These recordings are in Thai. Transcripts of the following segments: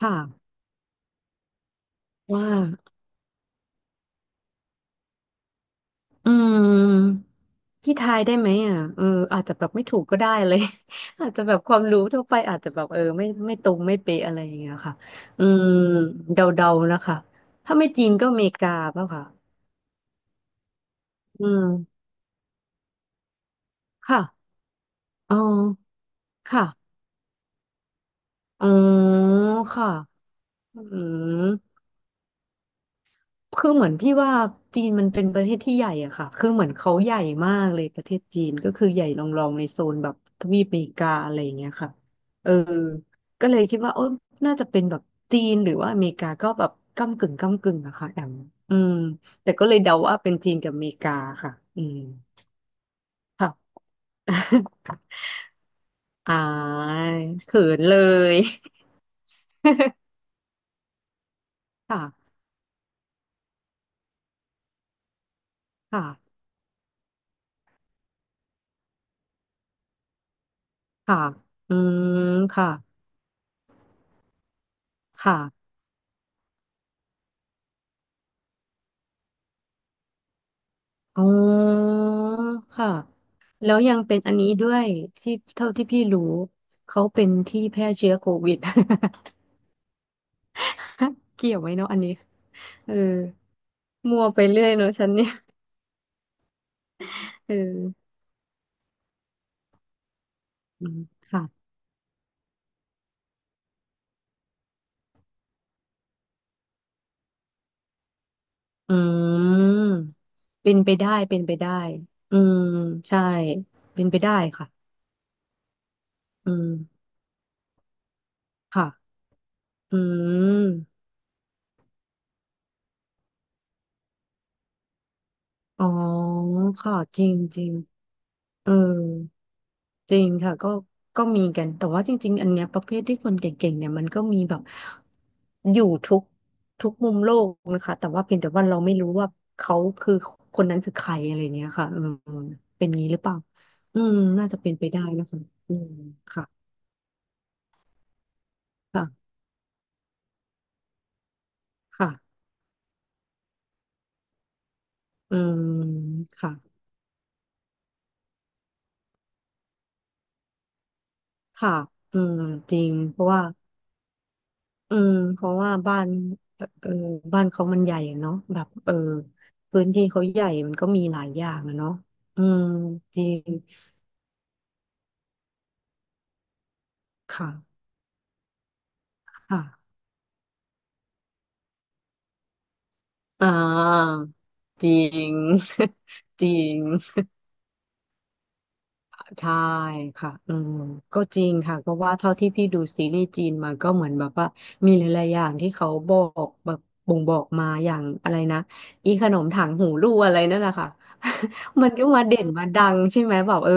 ค่ะว่าอืมพี่ทายได้ไหมอ่ะเอออาจจะแบบไม่ถูกก็ได้เลย อาจจะแบบความรู้ทั่วไปอาจจะแบบเออไม่ตรงไม่เป๊ะอะไรอย่างเงี้ยค่ะอืมเดาๆนะคะถ้าไม่จีนก็อเมริกาเปล่ะค่ะอืมค่ะอ๋อค่ะอ๋อค่ะอืม คือเหมือนพี่ว่าจีนมันเป็นประเทศที่ใหญ่อะค่ะคือเหมือนเขาใหญ่มากเลยประเทศจีนก็คือใหญ่รองๆในโซนแบบทวีปอเมริกาอะไรอย่างเงี้ยค่ะเออก็เลยคิดว่าโอ้น่าจะเป็นแบบจีนหรือว่าอเมริกาก็แบบก้ำกึ่งก้ำกึ่งอะค่ะแอมอืมแต่ก็เลยเดาว่าเป็นจีนกับอเมริกาค่ะอืมค่ะ อายเขินเลย ค่ะค่ะค่ะอืมค่ะค่ะ อ๋อค่ะแล้วยังเป็นอันนี้ด้วยที่เท่าที่พี่รู้เขาเป็นที่แพร่เชื้อโควิด เกี่ยวไหมเนาะอันนี้เออมัวไปเรื่อยเนาะฉันเนี่ยเอออืมค่ะอืมเป็นไปได้เป็นไปได้อืมใช่เป็นไปได้ค่ะอืมค่ะอืมอ๋อค่ะจริงจริงเออ จริงค่ะก็ก็มีกันแต่ว่าจริงๆอันเนี้ยประเภทที่คนเก่งๆเนี่ยมันก็มีแบบอยู่ทุกมุมโลกนะคะแต่ว่าเพียงแต่ว่าเราไม่รู้ว่าเขาคือคนนั้นคือใครอะไรเนี้ยค่ะอืมเป็นงี้หรือเปล่าอืมน่าจะเป็นไปได้นะคะอืมค่ะค่ะค่ะอืมค่ะค่ะอืมจริงเพราะว่า เพราะว่าบ้านเออบ้านเขามันใหญ่อะเนาะแบบเออพื้นที่เขาใหญ่มันก็มีหลายอย่างอะเนาะอืมจริงค่ะค่ะอ่าจริง จริง ใช่ค่ะอืมก็จริงค่ะ เพราะว่าเท่าที่พี่ดูซีรีส์จีนมาก็เหมือนแบบว่ามีหลายๆอย่างที่เขาบอกแบบบ่งบอกมาอย่างอะไรนะอีขนมถังหูรูอะไรนั่นแหละค่ะ มันก็มาเด่นมาดังใช่ไหมแบบเออ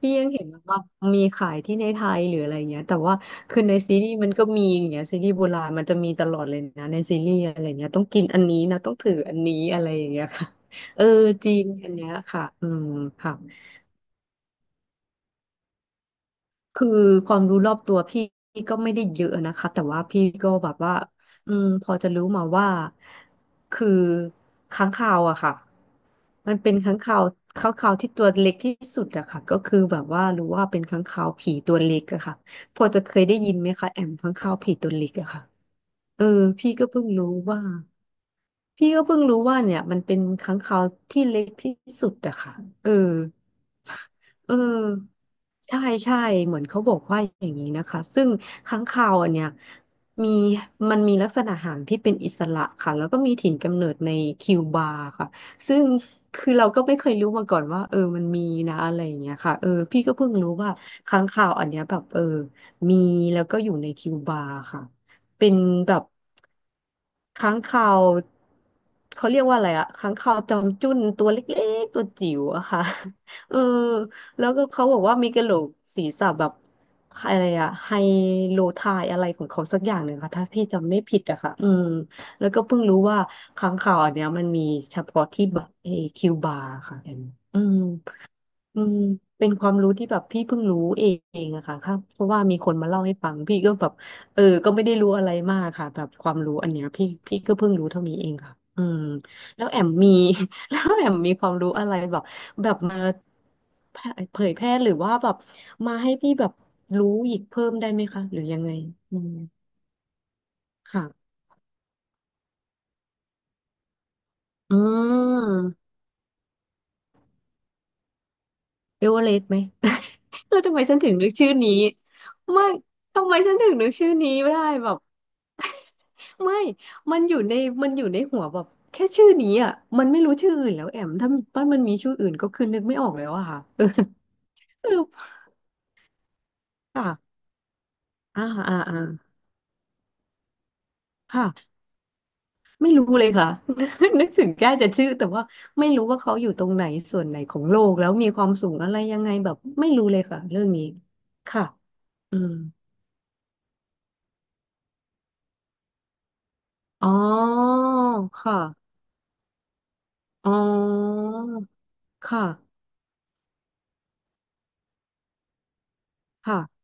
พี่ยังเห็นแบบว่ามีขายที่ในไทยหรืออะไรเงี้ยแต่ว่าคือในซีรีส์มันก็มีอย่างเงี้ยซีรีส์โบราณมันจะมีตลอดเลยนะในซีรีส์อะไรเงี้ยต้องกินอันนี้นะต้องถืออันนี้อะไรอย่างเงี้ยค่ะเออจริงอันเนี้ยค่ะอืมค่ะ คือความรู้รอบตัวพี่ก็ไม่ได้เยอะนะคะแต่ว่าพี่ก็แบบว่าพอจะรู้มาว่าคือค้างคาวอะค่ะมันเป็นค้างคาวที่ตัวเล็กที่สุดอะค่ะก็คือแบบว่ารู้ว่าเป็นค้างคาวผีตัวเล็กอะค่ะพอจะเคยได้ยินไหมคะแอมค้างคาวผีตัวเล็กอะค่ะเออพี่ก็เพิ่งรู้ว่า เนี่ยมันเป็นค้างคาวที่เล็กที่สุดอะค่ะเออเออใช่ใช่เหมือนเขาบอกว่าอย่างนี้นะคะซึ่งค้างคาวอันเนี้ยมีมันมีลักษณะหางที่เป็นอิสระค่ะแล้วก็มีถิ่นกำเนิดในคิวบาค่ะซึ่งคือเราก็ไม่เคยรู้มาก่อนว่าเออมันมีนะอะไรอย่างเงี้ยค่ะเออพี่ก็เพิ่งรู้ว่าค้างคาวอันเนี้ยแบบเออมีแล้วก็อยู่ในคิวบาค่ะเป็นแบบ ค้างคาวเขาเรียกว่าอะไรอะค้างคาวจอมจุ้นตัวเล็กๆตัวจิ๋วอะค่ะ เออแล้วก็เขาบอกว่ามีกระโหลกศีรษะแบบอะไรอะไฮโลไทายอะไรของเขาสักอย่างหนึ่งค่ะถ้าพี่จำไม่ผิดอะค่ะอืมแล้วก็เพิ่งรู้ว่าค้างคาวอันเนี้ยมันมีเฉพาะที่แบบเอคิวบาร์ค่ะอันนี้อืม อืมเป็นความรู้ที่แบบพี่เพิ่งรู้เองอะค่ะครับเพราะว่ามีคนมาเล่าให้ฟังพี่ก็แบบเออก็ไม่ได้รู้อะไรมากค่ะแบบความรู้อันเนี้ยพี่ก็เพิ่งรู้เท่านี้เองค่ะอืมแล้วแอมมี แล้วแอมมีความรู้อะไรแบบแบบมารเผยแพร่หรือว่าแบบมาให้พี่แบบรู้อีกเพิ่มได้ไหมคะหรือยังไงอืมค่ะอืมเอเวอเรสต์ไหม เออทำไมฉันถึงนึกชื่อนี้ไม่ทำไมฉันถึงนึกชื่อนี้ไม่ได้แบบ ไม่มันอยู่ในมันอยู่ในหัวแบบแค่ชื่อนี้อ่ะมันไม่รู้ชื่ออื่นแล้วแอมถ้ามันมีชื่ออื่นก็คือนึกไม่ออกแล้วอะค่ะเออ เออค่ะอ่าอ่าอ่าค่ะไม่รู้เลยค่ะ นึกถึงแค่จะชื่อแต่ว่าไม่รู้ว่าเขาอยู่ตรงไหนส่วนไหนของโลกแล้วมีความสูงอะไรยังไงแบบไม่รู้เลยค่ะเรื่องนี้ค่ะอืมอ๋อค่ะอ๋อ ค่ะค่ะ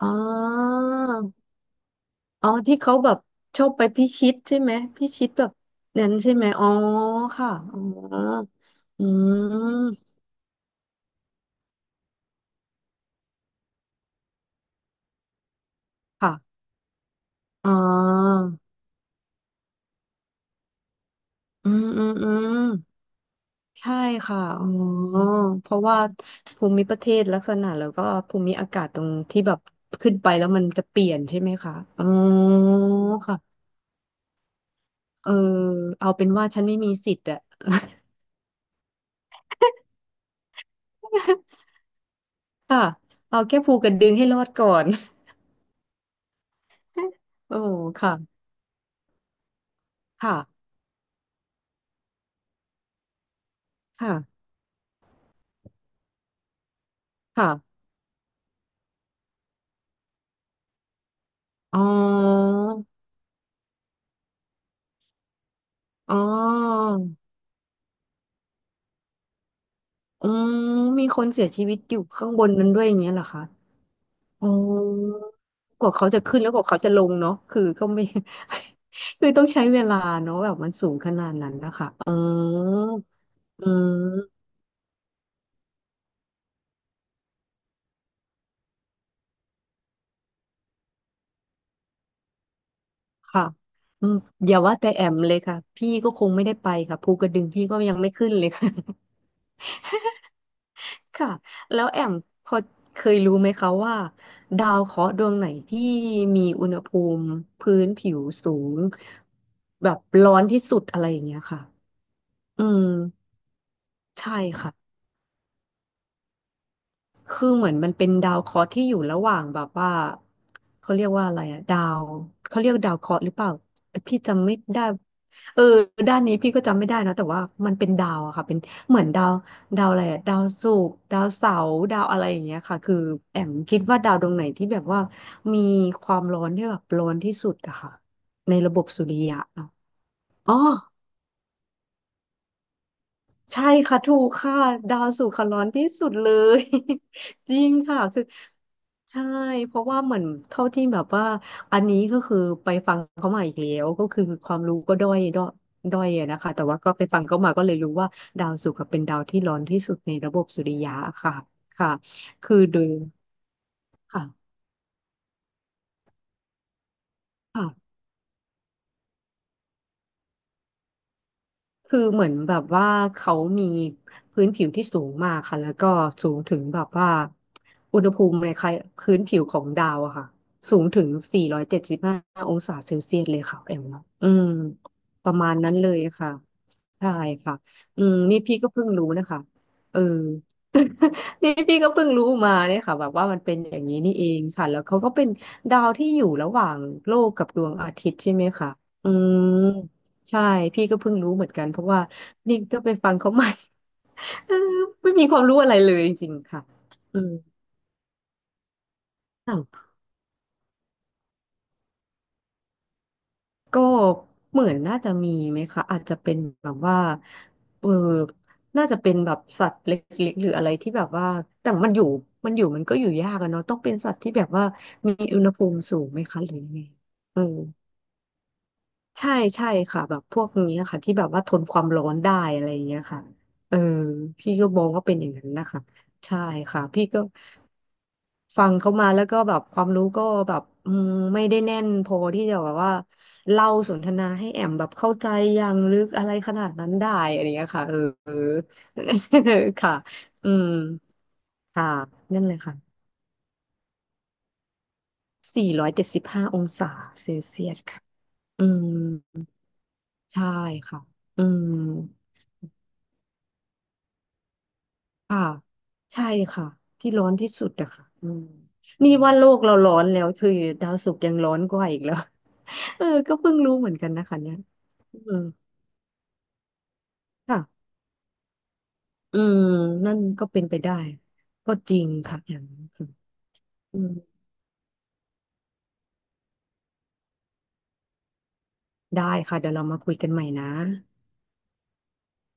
อ๋ออ๋อที่เขาแบบชอบไปพิชิตใช่ไหมพิชิตแบบนั้นใช่ไหมอ๋อค่ะอ๋ออืมค่ะอ๋ออืมอืมอืมใช่ค่ะอ๋อเพราะว่าภูมิประเทศลักษณะแล้วก็ภูมิอากาศตรงที่แบบขึ้นไปแล้วมันจะเปลี่ยนใช่ไหมคะอ๋อค่ะเออเอาเป็นว่าฉันไม่มีสิทธิ์อะ ค่ะเอาแค่ภูกระดึงให้รอดก่อน โอ้ค่ะค่ะค่ะค่ะอ๋ออ๋ออืมมีคนเสียชีวิตอยู่ข้างบนนั้นด้วยอย่างเงี้ยเหรอคะอ๋อกว่าเขาจะขึ้นแล้วกว่าเขาจะลงเนาะคือก็ไม่ คือต้องใช้เวลาเนาะแบบมันสูงขนาดนั้นนะคะอ๋ออืมค่ะอืมอย่าว่าแต่แอมเลยค่ะพี่ก็คงไม่ได้ไปค่ะภูกระดึงพี่ก็ยังไม่ขึ้นเลยค่ะ ค่ะแล้วแอมพอเคยรู้ไหมคะว่าดาวเคราะห์ดวงไหนที่มีอุณหภูมิพื้นผิวสูงแบบร้อนที่สุดอะไรอย่างเงี้ยค่ะอืมใช่ค่ะ คือเหมือนมันเป็นดาวเคราะห์ที่อยู่ระหว่างแบบว่าเขาเรียกว่าอะไรอะดาวเขาเรียกดาวเคราะห์หรือเปล่าแต่พี่จำไม่ได้เออด้านนี้พี่ก็จำไม่ได้นะแต่ว่ามันเป็นดาวอะค่ะเป็นเหมือนดาวอะไรอะดาวศุกร์ดาวเสาร์ดาวอะไรอย่างเงี้ยค่ะคือแอมคิดว่าดาวดวงไหนที่แบบว่ามีความร้อนที่แบบร้อนที่สุดอะค่ะในระบบสุริยะอะอ๋อ ใช่ค่ะถูกค่ะดาวศุกร์ค่ะร้อนที่สุดเลย จริงค่ะคือใช่เพราะว่าเหมือนเท่าที่แบบว่าอันนี้ก็คือไปฟังเขามาอีกแล้วก็คือความรู้ก็ด้อยด้อยอะนะคะแต่ว่าก็ไปฟังเขามาก็เลยรู้ว่าดาวศุกร์อะเป็นดาวที่ร้อนที่สุดในระบบสุริยะค่ะค่ะคือโดยค่ะค่ะ คือเหมือนแบบว่าเขามีพื้นผิวที่สูงมากค่ะแล้วก็สูงถึงแบบว่าอุณหภูมิในพื้นผิวของดาวอะค่ะสูงถึง475อยเจ็ดสิบห้าองศาเซลเซียสเลยค่ะแอมเนาะอืมประมาณนั้นเลยค่ะใช่ค่ะอืมนี่พี่ก็เพิ่งรู้นะคะเออ นี่พี่ก็เพิ่งรู้มาเนี่ยค่ะแบบว่ามันเป็นอย่างนี้นี่เองค่ะแล้วเขาก็เป็นดาวที่อยู่ระหว่างโลกกับดวงอาทิตย์ใช่ไหมคะอืม ใช่พี่ก็เพิ่งรู้เหมือนกันเพราะว่านี่ก็ไปฟังเขาใหม่ เออไม่มีความรู้อะไรเลยจริงๆค่ะอืมอ่ะก็เหมือนน่าจะมีไหมคะอาจจะเป็นแบบว่าเออน่าจะเป็นแบบสัตว์เล็กๆหรืออะไรที่แบบว่าแต่มันอยู่มันก็อยู่ยากอะเนาะต้องเป็นสัตว์ที่แบบว่ามีอุณหภูมิสูงไหมคะหรือยังไงเออ ใช่ค่ะแบบพวกนี้ค่ะที่แบบว่าทนความร้อนได้อะไรอย่างเงี้ยค่ะเออพี่ก็มองว่าเป็นอย่างนั้นนะคะใช่ค่ะพี่ก็ฟังเขามาแล้วก็แบบความรู้ก็แบบอืมไม่ได้แน่นพอที่จะแบบว่าเล่าสนทนาให้แอมแบบเข้าใจอย่างลึกอะไรขนาดนั้นได้อะไรอย่างเงี้ยค่ะเออ เออ ค่ะอืมค่ะนั่นเลยค่ะสี่ร้อยเจ็ดสิบห้าองศาเซลเซียสค่ะอืมใช่ค่ะอืม ค่ะใช่ค่ะที่ร้อนที่สุดอะค่ะอืมนี่ว่าโลกเราร้อนแล้วคือดาวศุกร์ยังร้อนกว่าอีกแล้ว เออก็เพิ่งรู้เหมือนกันนะคะเนี่ยเออค่ะอืมนั่นก็เป็นไปได้ก็จริงค่ะอย่างนั้นค่ะอืมได้ค่ะเดี๋ยวเรามาคุยกันใหม่นะ